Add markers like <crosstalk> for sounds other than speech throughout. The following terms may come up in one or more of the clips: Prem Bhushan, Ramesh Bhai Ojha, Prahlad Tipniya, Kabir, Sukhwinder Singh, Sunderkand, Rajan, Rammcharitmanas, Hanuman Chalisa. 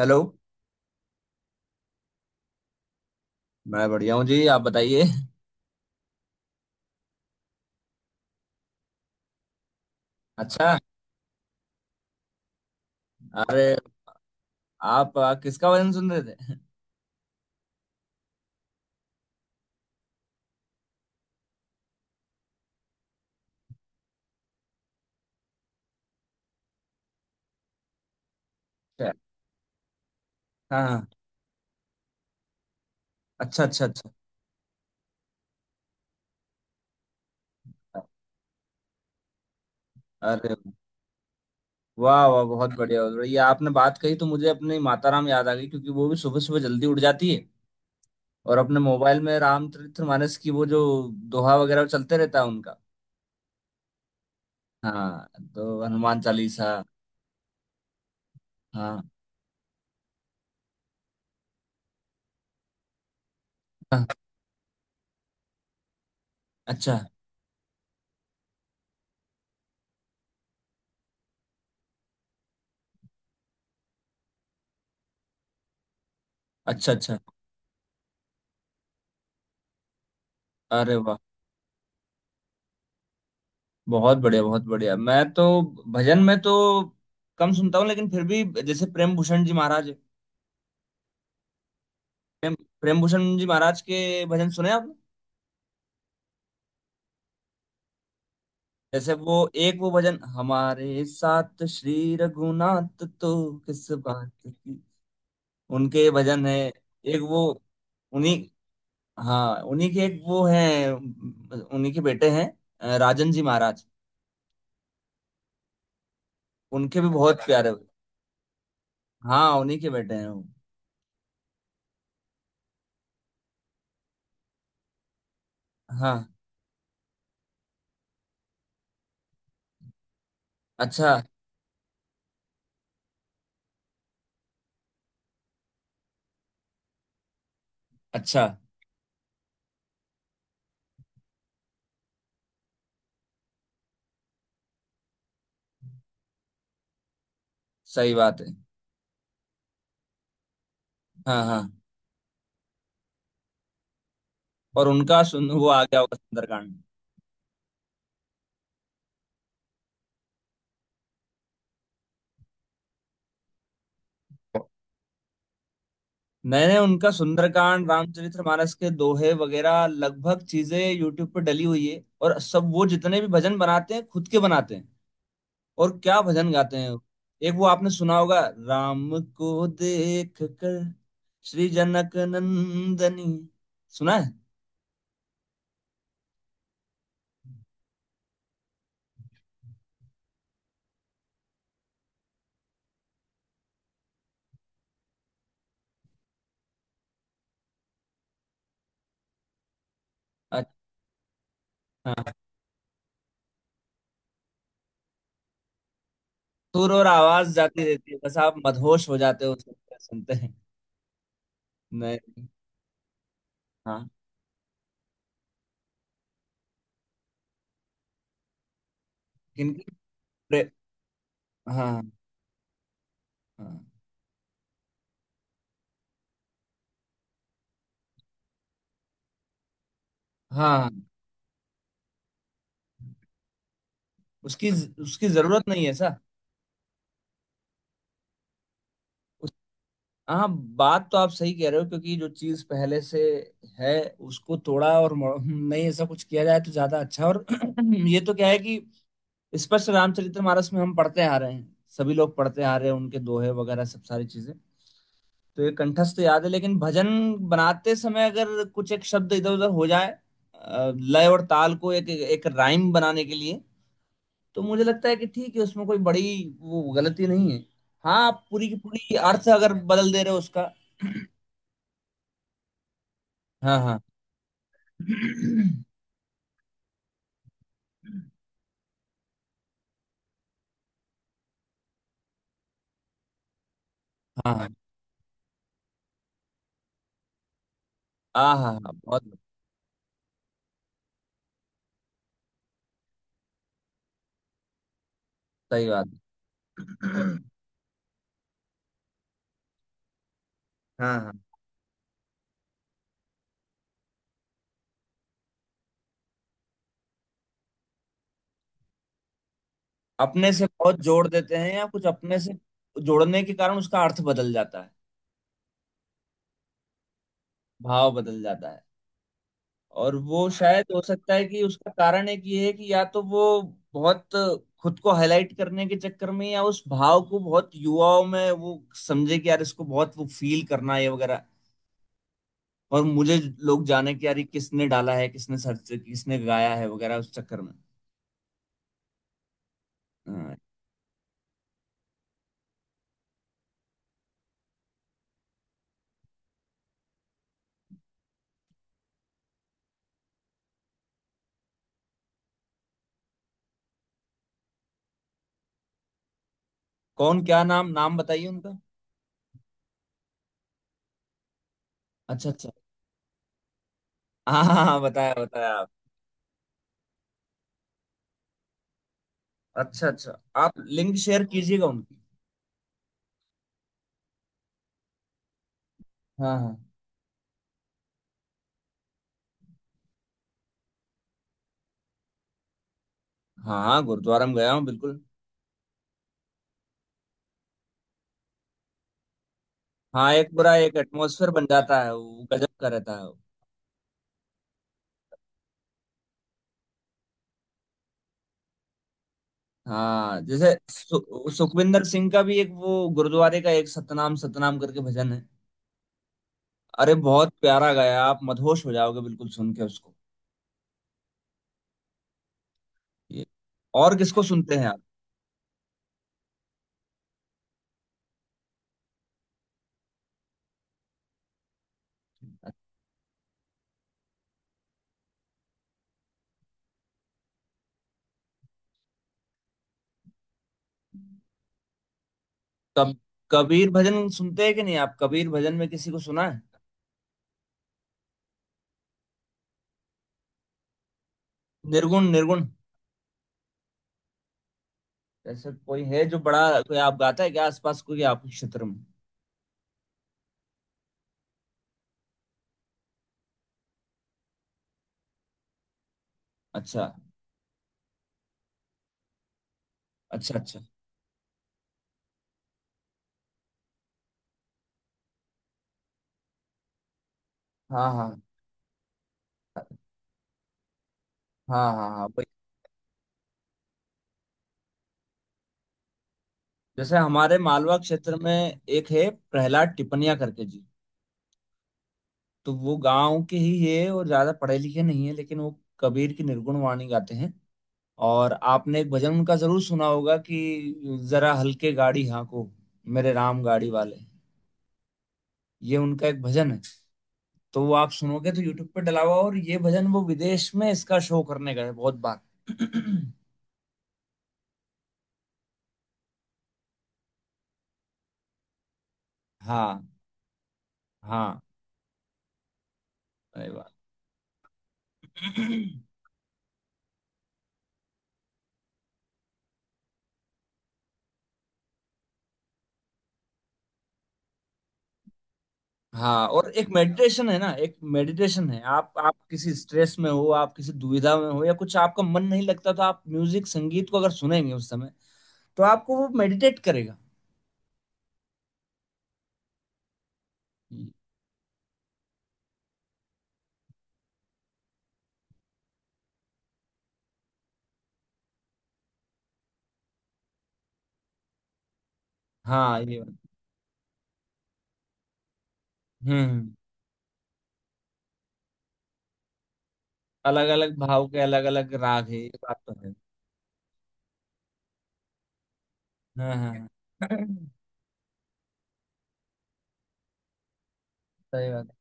Hello. मैं बढ़िया हूँ जी। आप बताइए। अच्छा। अरे, आप किसका भजन सुन रहे थे? अच्छा। हाँ हाँ। अच्छा, अच्छा, अच्छा। अरे वाह, वाह! बहुत बढ़िया, बहुत बढ़िया। ये आपने बात कही तो मुझे अपनी माता राम याद आ गई, क्योंकि वो भी सुबह सुबह जल्दी उठ जाती है। और अपने मोबाइल में रामचरितमानस की वो जो दोहा वगैरह चलते रहता है उनका। हाँ, तो हनुमान चालीसा। हाँ हाँ। अच्छा, अच्छा, अच्छा। अरे वाह, बहुत बढ़िया, बहुत बढ़िया। मैं तो भजन में तो कम सुनता हूँ, लेकिन फिर भी जैसे प्रेम भूषण जी महाराज। प्रेम प्रेम भूषण जी महाराज के भजन सुने आपने? जैसे वो एक वो भजन, हमारे साथ श्री रघुनाथ तो किस बात की, उनके भजन है। एक वो उन्हीं। हाँ, उन्हीं के एक वो है, उन्हीं के बेटे हैं। राजन जी महाराज, उनके भी बहुत प्यारे। हाँ, उन्हीं के बेटे हैं वो। हाँ। अच्छा, अच्छा। सही बात है। हाँ हाँ। और उनका सुन, वो आ गया होगा सुंदरकांड। मैंने उनका सुंदरकांड, रामचरितमानस के दोहे वगैरह लगभग चीजें यूट्यूब पर डली हुई है, और सब वो जितने भी भजन बनाते हैं खुद के बनाते हैं। और क्या भजन गाते हैं। एक वो आपने सुना होगा, राम को देख कर श्री जनक नंदनी, सुना है? अच्छा। सुर और आवाज जाती रहती है, बस आप मदहोश हो जाते हो सुनते सुनते हैं। नहीं। हाँ। किनकी? प्रे- हाँ। हाँ हाँ हाँ। उसकी उसकी जरूरत नहीं है सा। उस। हाँ। बात तो आप सही कह रहे हो, क्योंकि जो चीज पहले से है, उसको तोड़ा और नहीं, ऐसा कुछ किया जाए तो ज्यादा अच्छा। और <clears throat> ये तो क्या है कि स्पष्ट रामचरितमानस में हम पढ़ते आ रहे हैं, सभी लोग पढ़ते आ रहे हैं, उनके दोहे वगैरह सब सारी चीजें। तो ये कंठस्थ याद है, लेकिन भजन बनाते समय अगर कुछ एक शब्द इधर उधर हो जाए लय और ताल को एक एक राइम बनाने के लिए, तो मुझे लगता है कि ठीक है, उसमें कोई बड़ी वो गलती नहीं है। हाँ, आप पूरी की पूरी अर्थ अगर बदल दे रहे हो उसका। हाँ हाँ। <coughs> हाँ हाँ हाँ। हाँ हाँ, बहुत सही बात है। हाँ हाँ। अपने से बहुत जोड़ देते हैं या कुछ अपने से जोड़ने के कारण उसका अर्थ बदल जाता है। भाव बदल जाता है। और वो शायद हो सकता है कि उसका कारण एक ये है कि या तो वो बहुत खुद को हाईलाइट करने के चक्कर में, या उस भाव को बहुत युवाओं में वो समझे कि यार इसको बहुत वो फील करना है वगैरह। और मुझे लोग जाने कि यार ये किसने डाला है, किसने सर्च, किसने गाया है वगैरह, उस चक्कर में। हाँ, कौन? क्या नाम नाम बताइए उनका। अच्छा, अच्छा। हाँ हाँ हाँ, बताया, बताया आप। अच्छा, अच्छा। आप लिंक शेयर कीजिएगा उनकी। हाँ हाँ। हाँ हाँ, गुरुद्वारा में गया हूँ बिल्कुल। हाँ, एक पूरा एक एटमोसफेयर बन जाता है, वो गजब का रहता है वो। हाँ, जैसे सुखविंदर सिंह का भी एक वो गुरुद्वारे का एक सतनाम सतनाम करके भजन है। अरे बहुत प्यारा गाया, आप मदहोश हो जाओगे बिल्कुल सुन के उसको। ये और किसको सुनते हैं आप? कब कबीर भजन सुनते हैं कि नहीं आप? कबीर भजन में किसी को सुना है? निर्गुण, निर्गुण। ऐसे कोई है जो बड़ा कोई आप गाता है क्या, आसपास कोई आपके क्षेत्र में? अच्छा, अच्छा, अच्छा। हाँ हाँ हाँ हाँ हाँ हाँ। जैसे हमारे मालवा क्षेत्र में एक है प्रहलाद टिपनिया करके जी। तो वो गांव के ही है और ज्यादा पढ़े लिखे नहीं है, लेकिन वो कबीर की निर्गुण वाणी गाते हैं। और आपने एक भजन उनका जरूर सुना होगा कि जरा हल्के गाड़ी हाँको, मेरे राम गाड़ी वाले। ये उनका एक भजन है। तो वो आप सुनोगे तो यूट्यूब पे डला हुआ, और ये भजन वो विदेश में इसका शो करने गए बहुत बार। <clears throat> हाँ हाँ। अरे वाह। <clears throat> हाँ। और एक मेडिटेशन है ना, एक मेडिटेशन है। आप किसी स्ट्रेस में हो, आप किसी दुविधा में हो या कुछ आपका मन नहीं लगता, तो आप म्यूजिक संगीत को अगर सुनेंगे उस समय, तो आपको वो मेडिटेट करेगा। हाँ, ये बात। हम्म। अलग अलग भाव के अलग अलग राग है, ये बात तो है। हाँ हाँ हाँ। सही बात।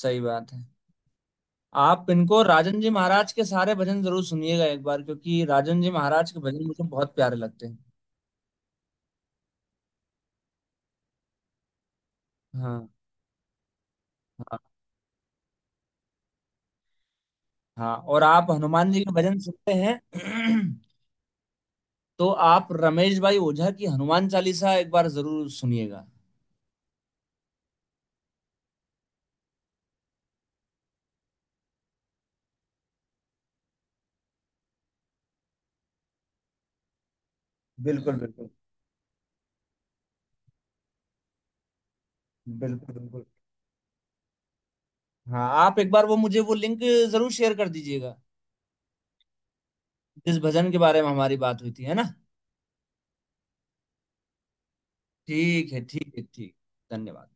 सही बात है। आप इनको राजन जी महाराज के सारे भजन जरूर सुनिएगा एक बार, क्योंकि राजन जी महाराज के भजन मुझे बहुत प्यारे लगते हैं। हाँ हाँ। हाँ, और आप हनुमान जी के भजन सुनते हैं? <clears throat> तो आप रमेश भाई ओझा की हनुमान चालीसा एक बार जरूर सुनिएगा। बिल्कुल, बिल्कुल। बिल्कुल, बिल्कुल। हाँ, आप एक बार वो मुझे वो लिंक जरूर शेयर कर दीजिएगा, जिस भजन के बारे में हमारी बात हुई थी, है ना। ठीक है, ठीक है, ठीक। धन्यवाद।